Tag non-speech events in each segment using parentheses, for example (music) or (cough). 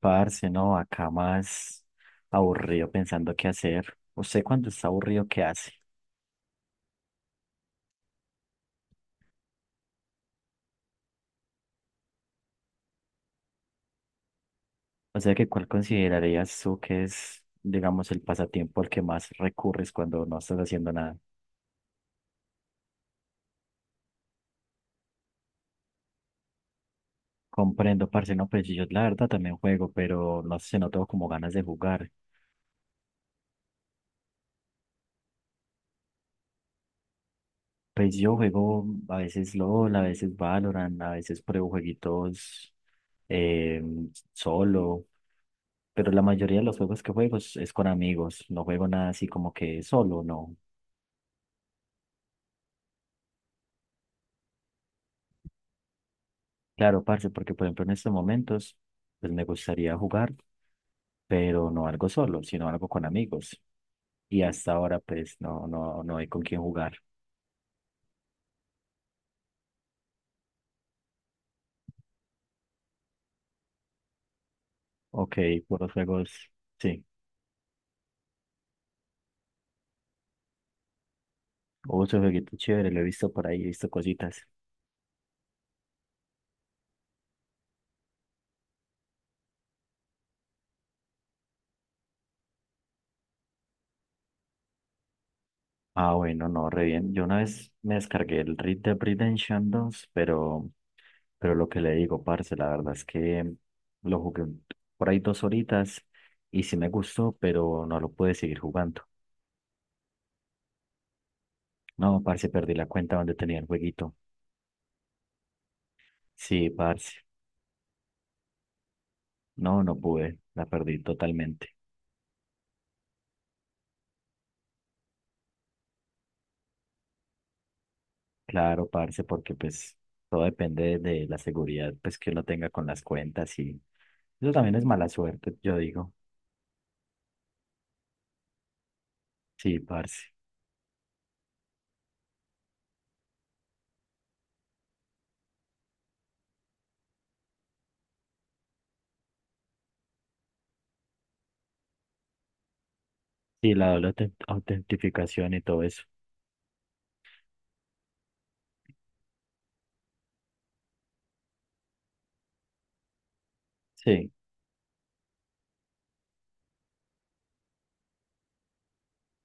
Parce, no, acá más aburrido pensando qué hacer. ¿Usted cuando está aburrido, qué hace? O sea, que ¿cuál considerarías tú que es, digamos, el pasatiempo al que más recurres cuando no estás haciendo nada? Comprendo, parce, no, pues yo la verdad también juego, pero no sé, no tengo como ganas de jugar. Pues yo juego a veces LOL, a veces Valorant, a veces pruebo jueguitos eh, solo, pero la mayoría de los juegos que juego es con amigos, no juego nada así como que solo, no. Claro, parce, porque por ejemplo en estos momentos, pues me gustaría jugar, pero no algo solo, sino algo con amigos. Y hasta ahora, pues no, no, no hay con quién jugar. Ok, por los juegos, sí. Hubo su jueguito chévere, lo he visto por ahí, he visto cositas. Ah, bueno, no, re bien. Yo una vez me descargué el Red Dead Redemption 2, pero lo que le digo, parce, la verdad es que lo jugué por ahí dos horitas y sí me gustó, pero no lo pude seguir jugando. No, parce, perdí la cuenta donde tenía el jueguito. Sí, parce. No, no pude. La perdí totalmente. Claro, parce, porque pues todo depende de la seguridad pues que uno tenga con las cuentas y eso también es mala suerte, yo digo. Sí, parce. Sí, la doble autentificación y todo eso. Sí.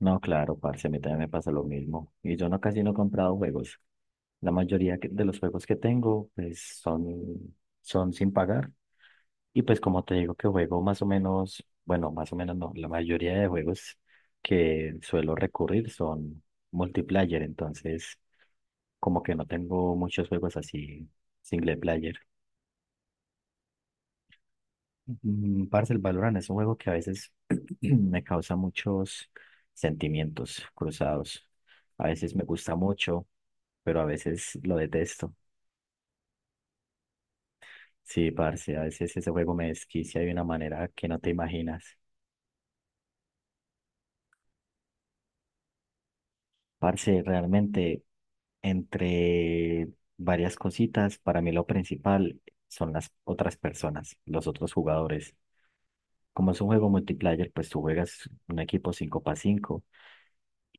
No, claro, parce, a mí también me pasa lo mismo. Y yo no casi no he comprado juegos. La mayoría de los juegos que tengo pues son, son sin pagar. Y pues como te digo que juego más o menos, bueno, más o menos no, la mayoría de juegos que suelo recurrir son multiplayer, entonces como que no tengo muchos juegos así single player. Parce, el Valorant es un juego que a veces (clears throat) me causa muchos sentimientos cruzados. A veces me gusta mucho, pero a veces lo detesto. Sí, parce, a veces ese juego me desquicia de una manera que no te imaginas. Parce, realmente entre varias cositas. Para mí lo principal son las otras personas, los otros jugadores. Como es un juego multiplayer, pues tú juegas un equipo 5 para 5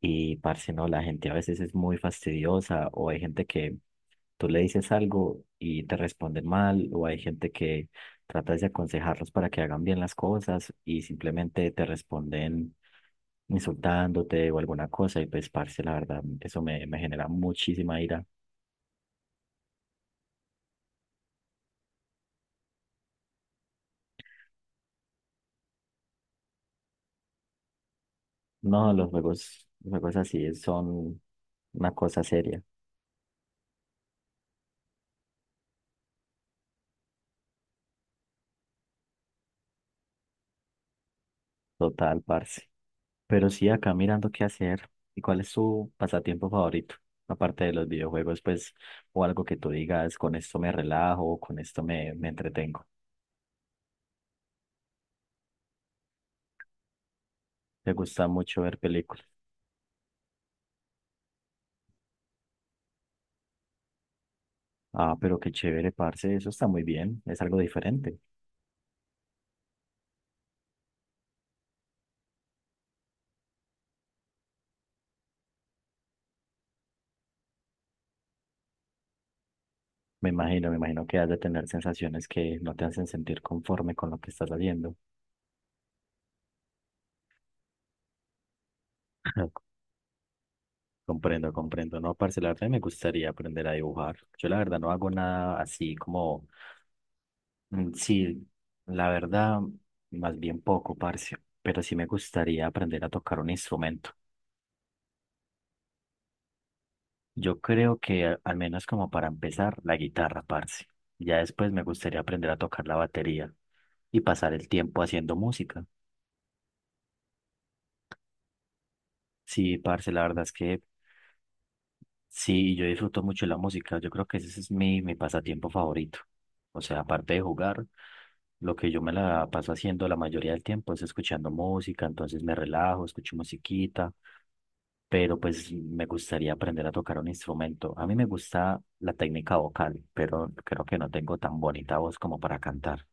y, parce, no, la gente a veces es muy fastidiosa o hay gente que tú le dices algo y te responden mal o hay gente que tratas de aconsejarlos para que hagan bien las cosas y simplemente te responden insultándote o alguna cosa y pues, parce, la verdad, eso me genera muchísima ira. No, los juegos así son una cosa seria, total, parce. Pero sí, acá mirando qué hacer. ¿Y cuál es tu pasatiempo favorito? Aparte de los videojuegos, pues, o algo que tú digas, con esto me relajo, o con esto me entretengo. ¿Te gusta mucho ver películas? Ah, pero qué chévere, parce, eso está muy bien, es algo diferente. Me imagino que has de tener sensaciones que no te hacen sentir conforme con lo que estás haciendo. (laughs) Comprendo, comprendo. No, parce, la verdad me gustaría aprender a dibujar. Yo la verdad no hago nada así como, mm, sí, la verdad, más bien poco, parce, pero sí me gustaría aprender a tocar un instrumento. Yo creo que al menos como para empezar, la guitarra, parce. Ya después me gustaría aprender a tocar la batería y pasar el tiempo haciendo música. Sí, parce, la verdad es que sí, yo disfruto mucho la música. Yo creo que ese es mi pasatiempo favorito. O sea, aparte de jugar, lo que yo me la paso haciendo la mayoría del tiempo es escuchando música, entonces me relajo, escucho musiquita, pero pues me gustaría aprender a tocar un instrumento. A mí me gusta la técnica vocal, pero creo que no tengo tan bonita voz como para cantar.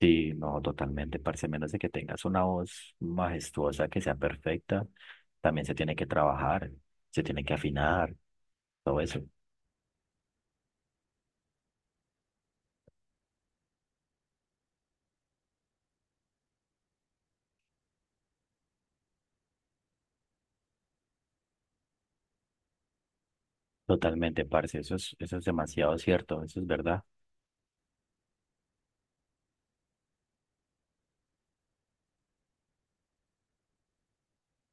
Sí, no, totalmente, parce, a menos de que tengas una voz majestuosa que sea perfecta, también se tiene que trabajar, se tiene que afinar, todo eso. Totalmente, parce, eso es demasiado cierto, eso es verdad.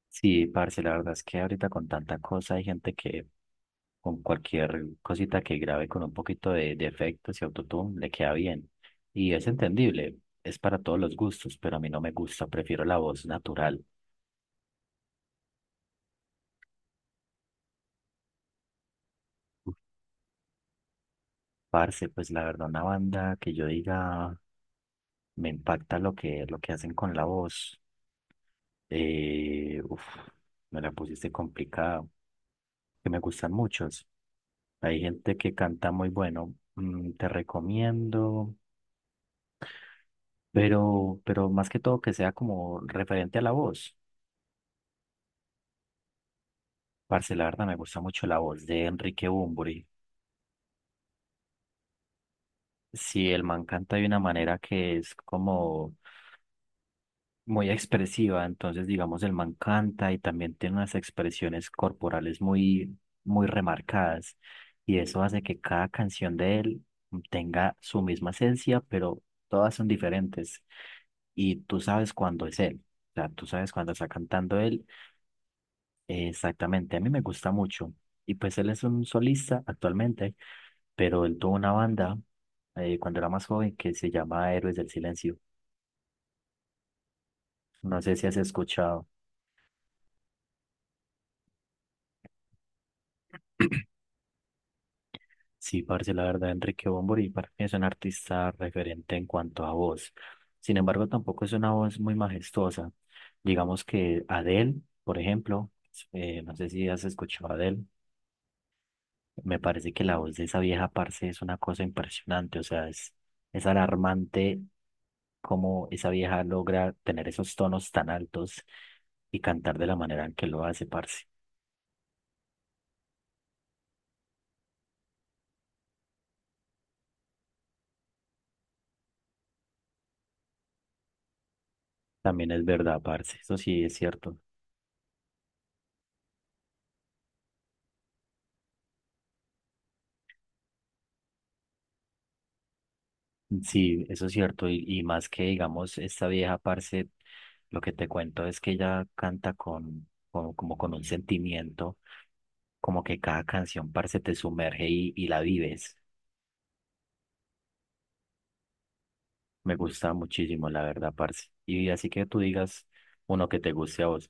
Sí, parce, la verdad es que ahorita con tanta cosa hay gente que con cualquier cosita que grabe con un poquito de efectos y autotune le queda bien. Y es entendible, es para todos los gustos, pero a mí no me gusta, prefiero la voz natural. Parce, pues la verdad, una banda que yo diga me impacta lo que hacen con la voz. Eh, uf, me la pusiste complicada. Que me gustan muchos. Hay gente que canta muy bueno, mm, te recomiendo, pero más que todo que sea como referente a la voz. Parce, la verdad me gusta mucho la voz de Enrique Bunbury. Si el man canta de una manera que es como muy expresiva, entonces digamos el man canta y también tiene unas expresiones corporales muy, muy remarcadas y eso hace que cada canción de él tenga su misma esencia, pero todas son diferentes. Y tú sabes cuándo es él. O sea, tú sabes cuándo está cantando él. Exactamente, a mí me gusta mucho. Y pues él es un solista actualmente, pero él tuvo una banda cuando era más joven que se llama Héroes del Silencio. No sé si has escuchado. Sí, parce, la verdad, Enrique Bunbury para mí es un artista referente en cuanto a voz. Sin embargo, tampoco es una voz muy majestuosa. Digamos que Adele, por ejemplo, no sé si has escuchado a Adele. Me parece que la voz de esa vieja parce es una cosa impresionante, o sea, es alarmante cómo esa vieja logra tener esos tonos tan altos y cantar de la manera en que lo hace, parce. También es verdad, parce, eso sí es cierto. Sí, eso es cierto, y más que, digamos, esta vieja, parce, lo que te cuento es que ella canta con, como con un sentimiento, como que cada canción, parce, te sumerge y la vives. Me gusta muchísimo, la verdad, parce. Y así que tú digas uno que te guste a vos.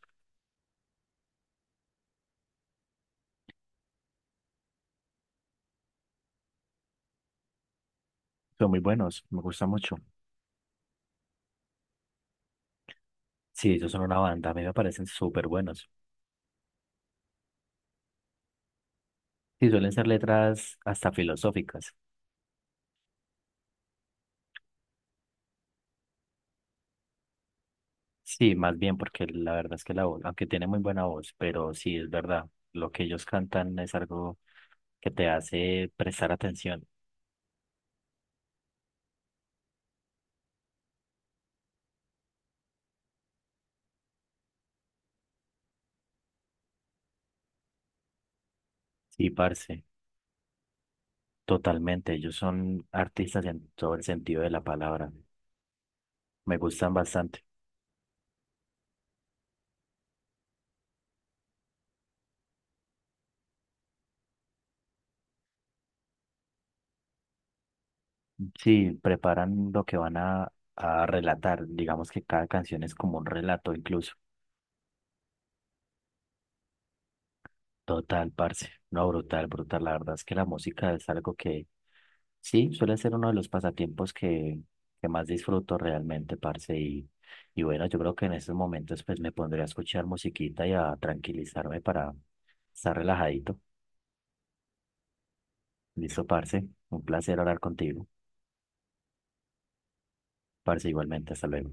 Son muy buenos, me gusta mucho. Sí, ellos son una banda, a mí me parecen súper buenos. Sí, suelen ser letras hasta filosóficas. Sí, más bien, porque la verdad es que la voz, aunque tiene muy buena voz, pero sí es verdad, lo que ellos cantan es algo que te hace prestar atención. Sí, parce, totalmente. Ellos son artistas en todo el sentido de la palabra. Me gustan bastante. Sí, preparan lo que van a relatar. Digamos que cada canción es como un relato incluso. Total, parce. No, brutal, brutal. La verdad es que la música es algo que sí, suele ser uno de los pasatiempos que más disfruto realmente, parce. Y bueno, yo creo que en estos momentos pues me pondré a escuchar musiquita y a tranquilizarme para estar relajadito. Listo, parce. Un placer hablar contigo. Parce, igualmente. Hasta luego.